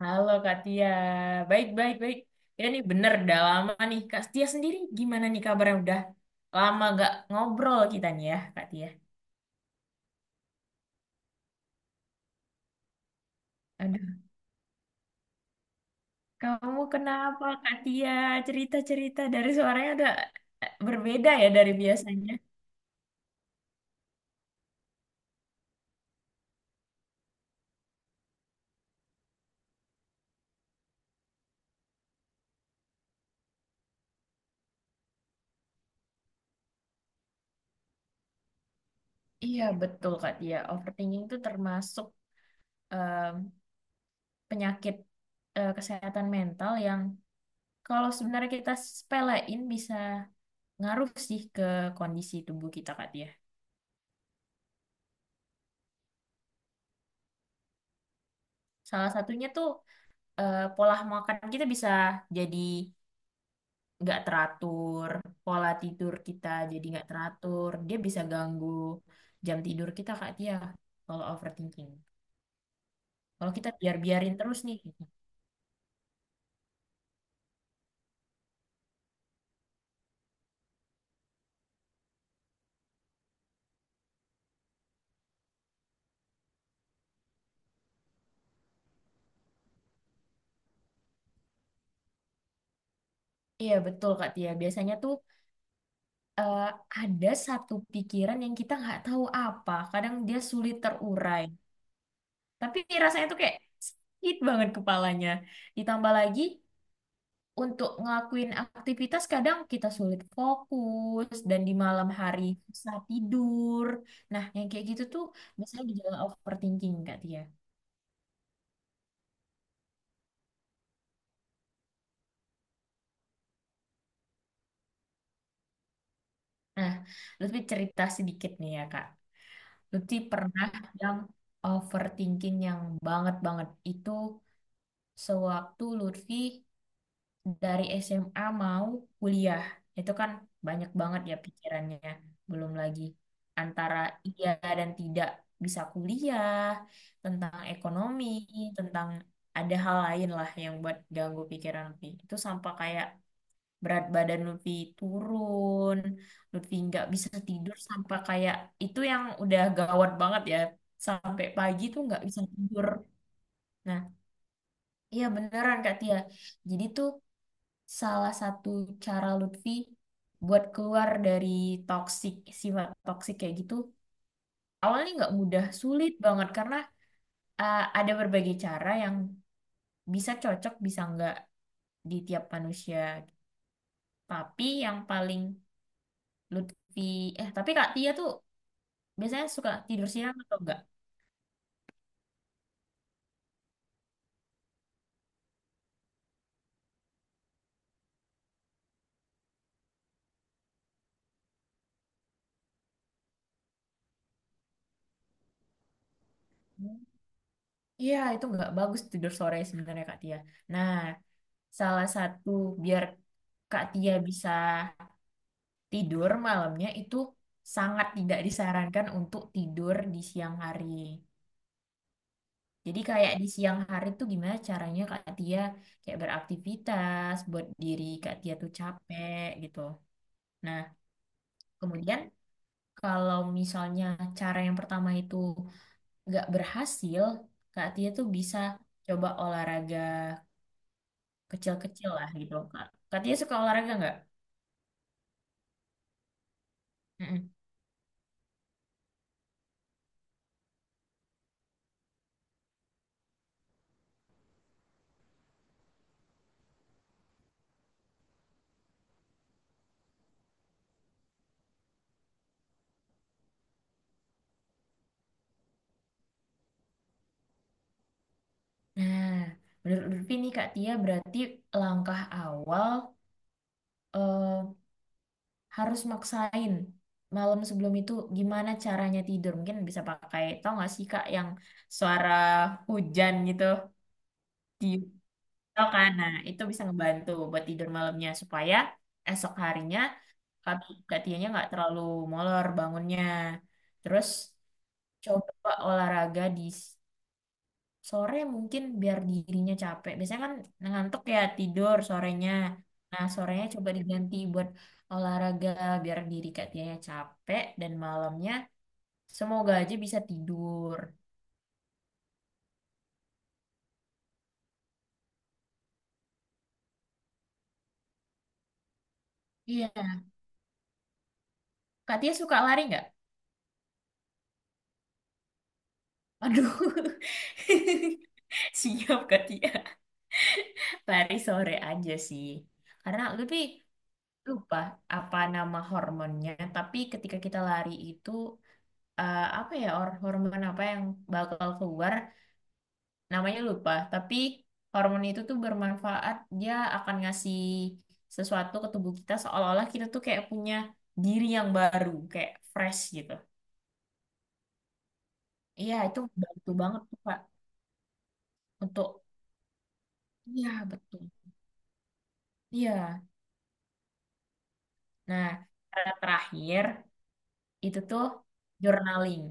Halo Kak Tia, baik baik baik. Ya nih bener, udah lama nih. Kak Tia sendiri gimana nih kabarnya? Udah lama gak ngobrol kita nih ya Kak Tia. Aduh, kamu kenapa Kak Tia? Cerita-cerita dari suaranya udah berbeda ya dari biasanya. Iya betul Kak Tia, overthinking itu termasuk em, penyakit kesehatan mental yang kalau sebenarnya kita sepelein bisa ngaruh sih ke kondisi tubuh kita Kak Tia. Salah satunya tuh pola makan kita bisa jadi nggak teratur, pola tidur kita jadi nggak teratur, dia bisa ganggu jam tidur kita Kak Tia kalau overthinking. Kalau kita biar-biarin terus nih, gitu. Iya betul Kak Tia, biasanya tuh eh, ada satu pikiran yang kita nggak tahu apa, kadang dia sulit terurai. Tapi rasanya tuh kayak sakit banget kepalanya. Ditambah lagi untuk ngelakuin aktivitas kadang kita sulit fokus, dan di malam hari susah tidur. Nah, yang kayak gitu tuh biasanya gejala overthinking Kak Tia. Nah, Lutfi cerita sedikit nih ya Kak. Lutfi pernah yang overthinking yang banget-banget itu sewaktu Lutfi dari SMA mau kuliah, itu kan banyak banget ya pikirannya, belum lagi antara iya dan tidak bisa kuliah, tentang ekonomi, tentang ada hal lain lah yang buat ganggu pikiran Lutfi. Itu sampai kayak berat badan Lutfi turun, Lutfi nggak bisa tidur sampai kayak itu yang udah gawat banget ya, sampai pagi tuh nggak bisa tidur. Nah, iya beneran Kak Tia, jadi tuh salah satu cara Lutfi buat keluar dari toksik, sifat toksik kayak gitu awalnya nggak mudah, sulit banget karena ada berbagai cara yang bisa cocok bisa nggak di tiap manusia. Tapi yang paling Lutfi, tapi Kak Tia tuh biasanya suka tidur siang atau enggak? Iya itu nggak bagus tidur sore sebenarnya Kak Tia. Nah, salah satu biar Kak Tia bisa tidur malamnya itu, sangat tidak disarankan untuk tidur di siang hari. Jadi kayak di siang hari tuh gimana caranya Kak Tia kayak beraktivitas buat diri Kak Tia tuh capek gitu. Nah, kemudian kalau misalnya cara yang pertama itu nggak berhasil, Kak Tia tuh bisa coba olahraga kecil-kecil lah gitu. Kak, Kak Tia suka olahraga nggak? Mm-mm. Nah, menurut Lutfi nih Kak Tia, berarti langkah awal eh, harus maksain malam sebelum itu gimana caranya tidur. Mungkin bisa pakai, tau gak sih Kak yang suara hujan gitu di, tau kan? Nah, itu bisa ngebantu buat tidur malamnya supaya esok harinya kaki kakinya nggak terlalu molor bangunnya. Terus coba olahraga di sore mungkin biar dirinya capek. Biasanya kan ngantuk ya tidur sorenya. Nah, sorenya coba diganti buat olahraga biar diri Katianya capek dan malamnya semoga aja bisa tidur. Iya. Katia suka lari nggak? Aduh. Siap Katia. Lari sore aja sih. Karena lebih, lupa apa nama hormonnya, tapi ketika kita lari itu hormon apa yang bakal keluar, namanya lupa tapi hormon itu tuh bermanfaat, dia akan ngasih sesuatu ke tubuh kita seolah-olah kita tuh kayak punya diri yang baru kayak fresh gitu. Iya itu bantu banget tuh Kak untuk, iya betul, iya. Nah, cara terakhir itu tuh journaling.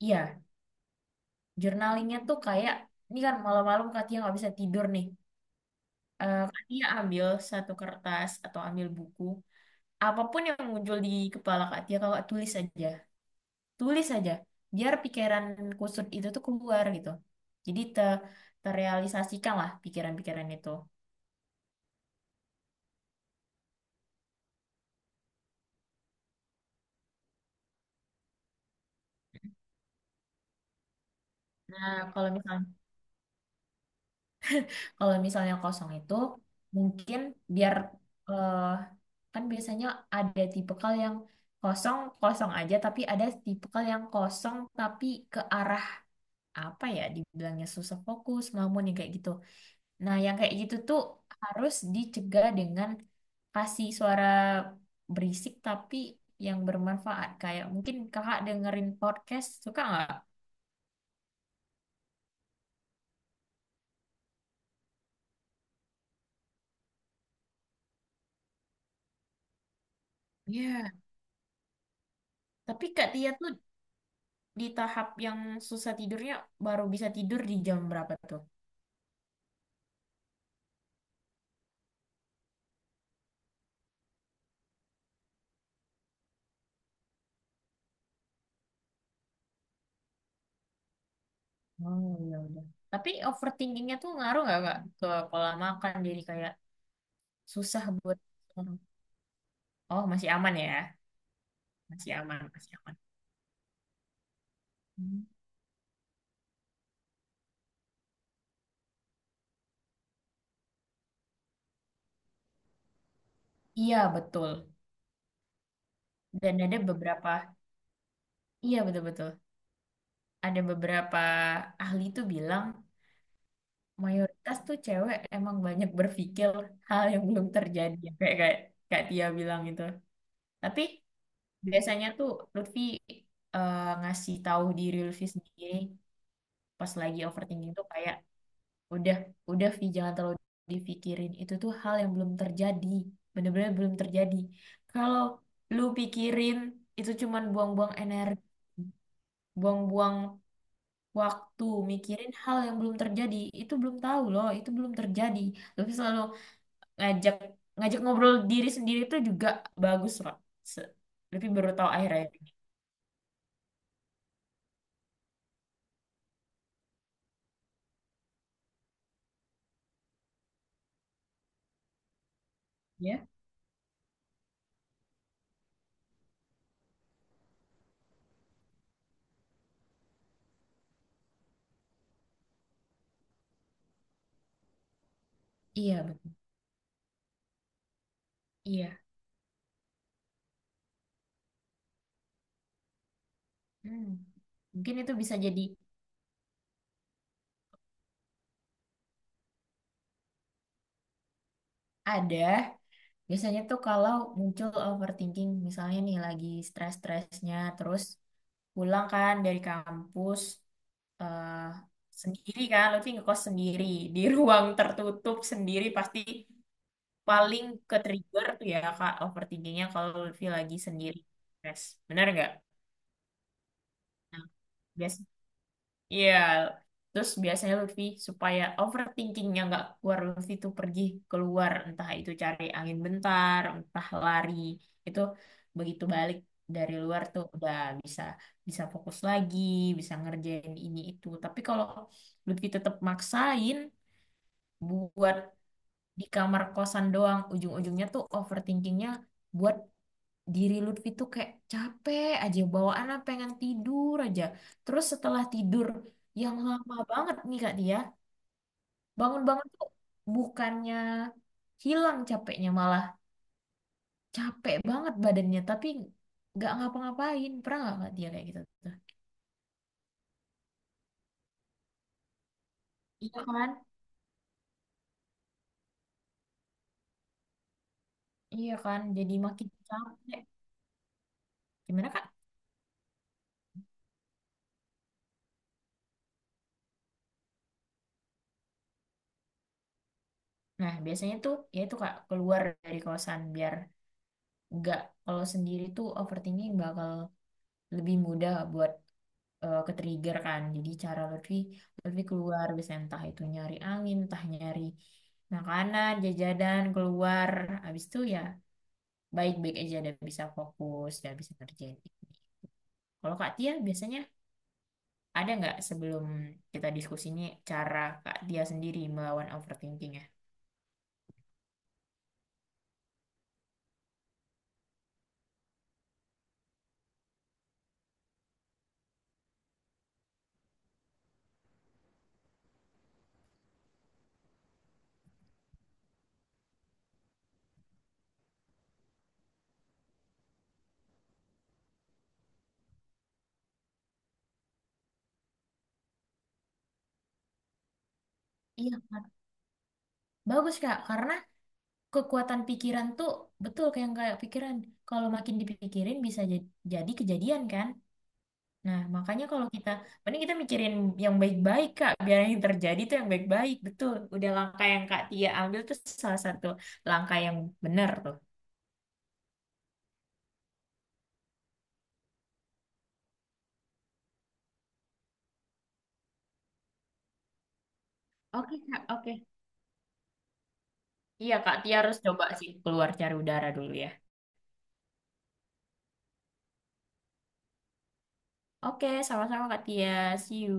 Iya, journalingnya tuh kayak, ini kan malam-malam Katia nggak bisa tidur nih. Eh Katia ambil satu kertas atau ambil buku, apapun yang muncul di kepala Kak Tia, kakak tulis aja. Tulis aja biar pikiran kusut itu tuh keluar gitu, jadi terrealisasikan lah pikiran-pikiran itu. Nah kalau misalnya, kalau misalnya kosong itu mungkin biar eh, kan biasanya ada tipikal yang kosong kosong aja, tapi ada tipikal yang kosong tapi ke arah, apa ya dibilangnya, susah fokus ngelamun yang kayak gitu. Nah, yang kayak gitu tuh harus dicegah dengan kasih suara berisik tapi yang bermanfaat. Kayak mungkin kakak dengerin podcast, suka nggak? Iya. Tapi Kak Tia tuh di tahap yang susah tidurnya baru bisa tidur di jam berapa tuh? Oh, ya udah. Tapi overthinkingnya tuh ngaruh nggak Kak ke pola makan jadi kayak susah buat, oh, masih aman ya. Masih aman, masih aman. Hmm. Iya, betul. Dan ada beberapa, iya betul-betul. Ada beberapa ahli tuh bilang mayoritas tuh cewek emang banyak berpikir hal yang belum terjadi ya, kayak kayak Kak Tia bilang itu. Tapi biasanya tuh Lutfi ngasih tahu diri Lutfi sendiri pas lagi overthinking tuh kayak, udah udah Vi jangan terlalu dipikirin, itu tuh hal yang belum terjadi, bener-bener belum terjadi. Kalau lu pikirin itu cuman buang-buang energi, buang-buang waktu mikirin hal yang belum terjadi, itu belum tahu loh, itu belum terjadi. Tapi selalu ngajak, ngobrol diri sendiri itu juga bagus loh. Se- tapi baru tahu akhir-akhir ini ya, iya betul, iya. Hmm. Mungkin itu bisa jadi, ada, biasanya tuh kalau muncul overthinking misalnya nih lagi stres-stresnya, terus pulang kan dari kampus, eh, sendiri kan Lutfi ngekos sendiri, di ruang tertutup sendiri pasti paling ke trigger tuh ya kak overthinkingnya kalau Lutfi lagi sendiri stres, benar nggak? Nah biasa, iya. Terus biasanya Lutfi supaya overthinkingnya nggak keluar, Lutfi tuh pergi keluar, entah itu cari angin bentar entah lari itu. Begitu balik dari luar tuh udah bisa, fokus lagi, bisa ngerjain ini itu. Tapi kalau Lutfi tetap maksain buat di kamar kosan doang, ujung-ujungnya tuh overthinkingnya buat diri Lutfi tuh kayak capek aja bawaan lah, pengen tidur aja. Terus setelah tidur yang lama banget nih Kak, dia bangun-bangun tuh bukannya hilang capeknya, malah capek banget badannya tapi nggak ngapa-ngapain. Pernah nggak Kak Tia kayak gitu tuh? Iya kan, iya kan, jadi makin capek. Gimana Kak? Nah biasanya tuh ya itu Kak, keluar dari kosan biar nggak, kalau sendiri tuh overthinking bakal lebih mudah buat ke-trigger kan. Jadi cara Lutfi, Lutfi keluar biasanya entah itu nyari angin, entah nyari makanan, jajanan, keluar. Habis itu ya baik-baik aja, udah bisa fokus, udah bisa ngerjain ini. Kalau Kak Tia biasanya ada nggak sebelum kita diskusinya, cara Kak Tia sendiri melawan overthinking ya? Iya, Kak. Bagus Kak, karena kekuatan pikiran tuh betul kayak yang kayak pikiran. Kalau makin dipikirin bisa jadi kejadian kan? Nah, makanya kalau kita, mending kita mikirin yang baik-baik, Kak. Biar yang terjadi tuh yang baik-baik, betul. Udah langkah yang Kak Tia ambil tuh salah satu langkah yang benar tuh. Oke, Kak. Oke. Iya, Kak Tia harus coba sih keluar cari udara dulu ya. Oke, sama-sama Kak Tia. See you.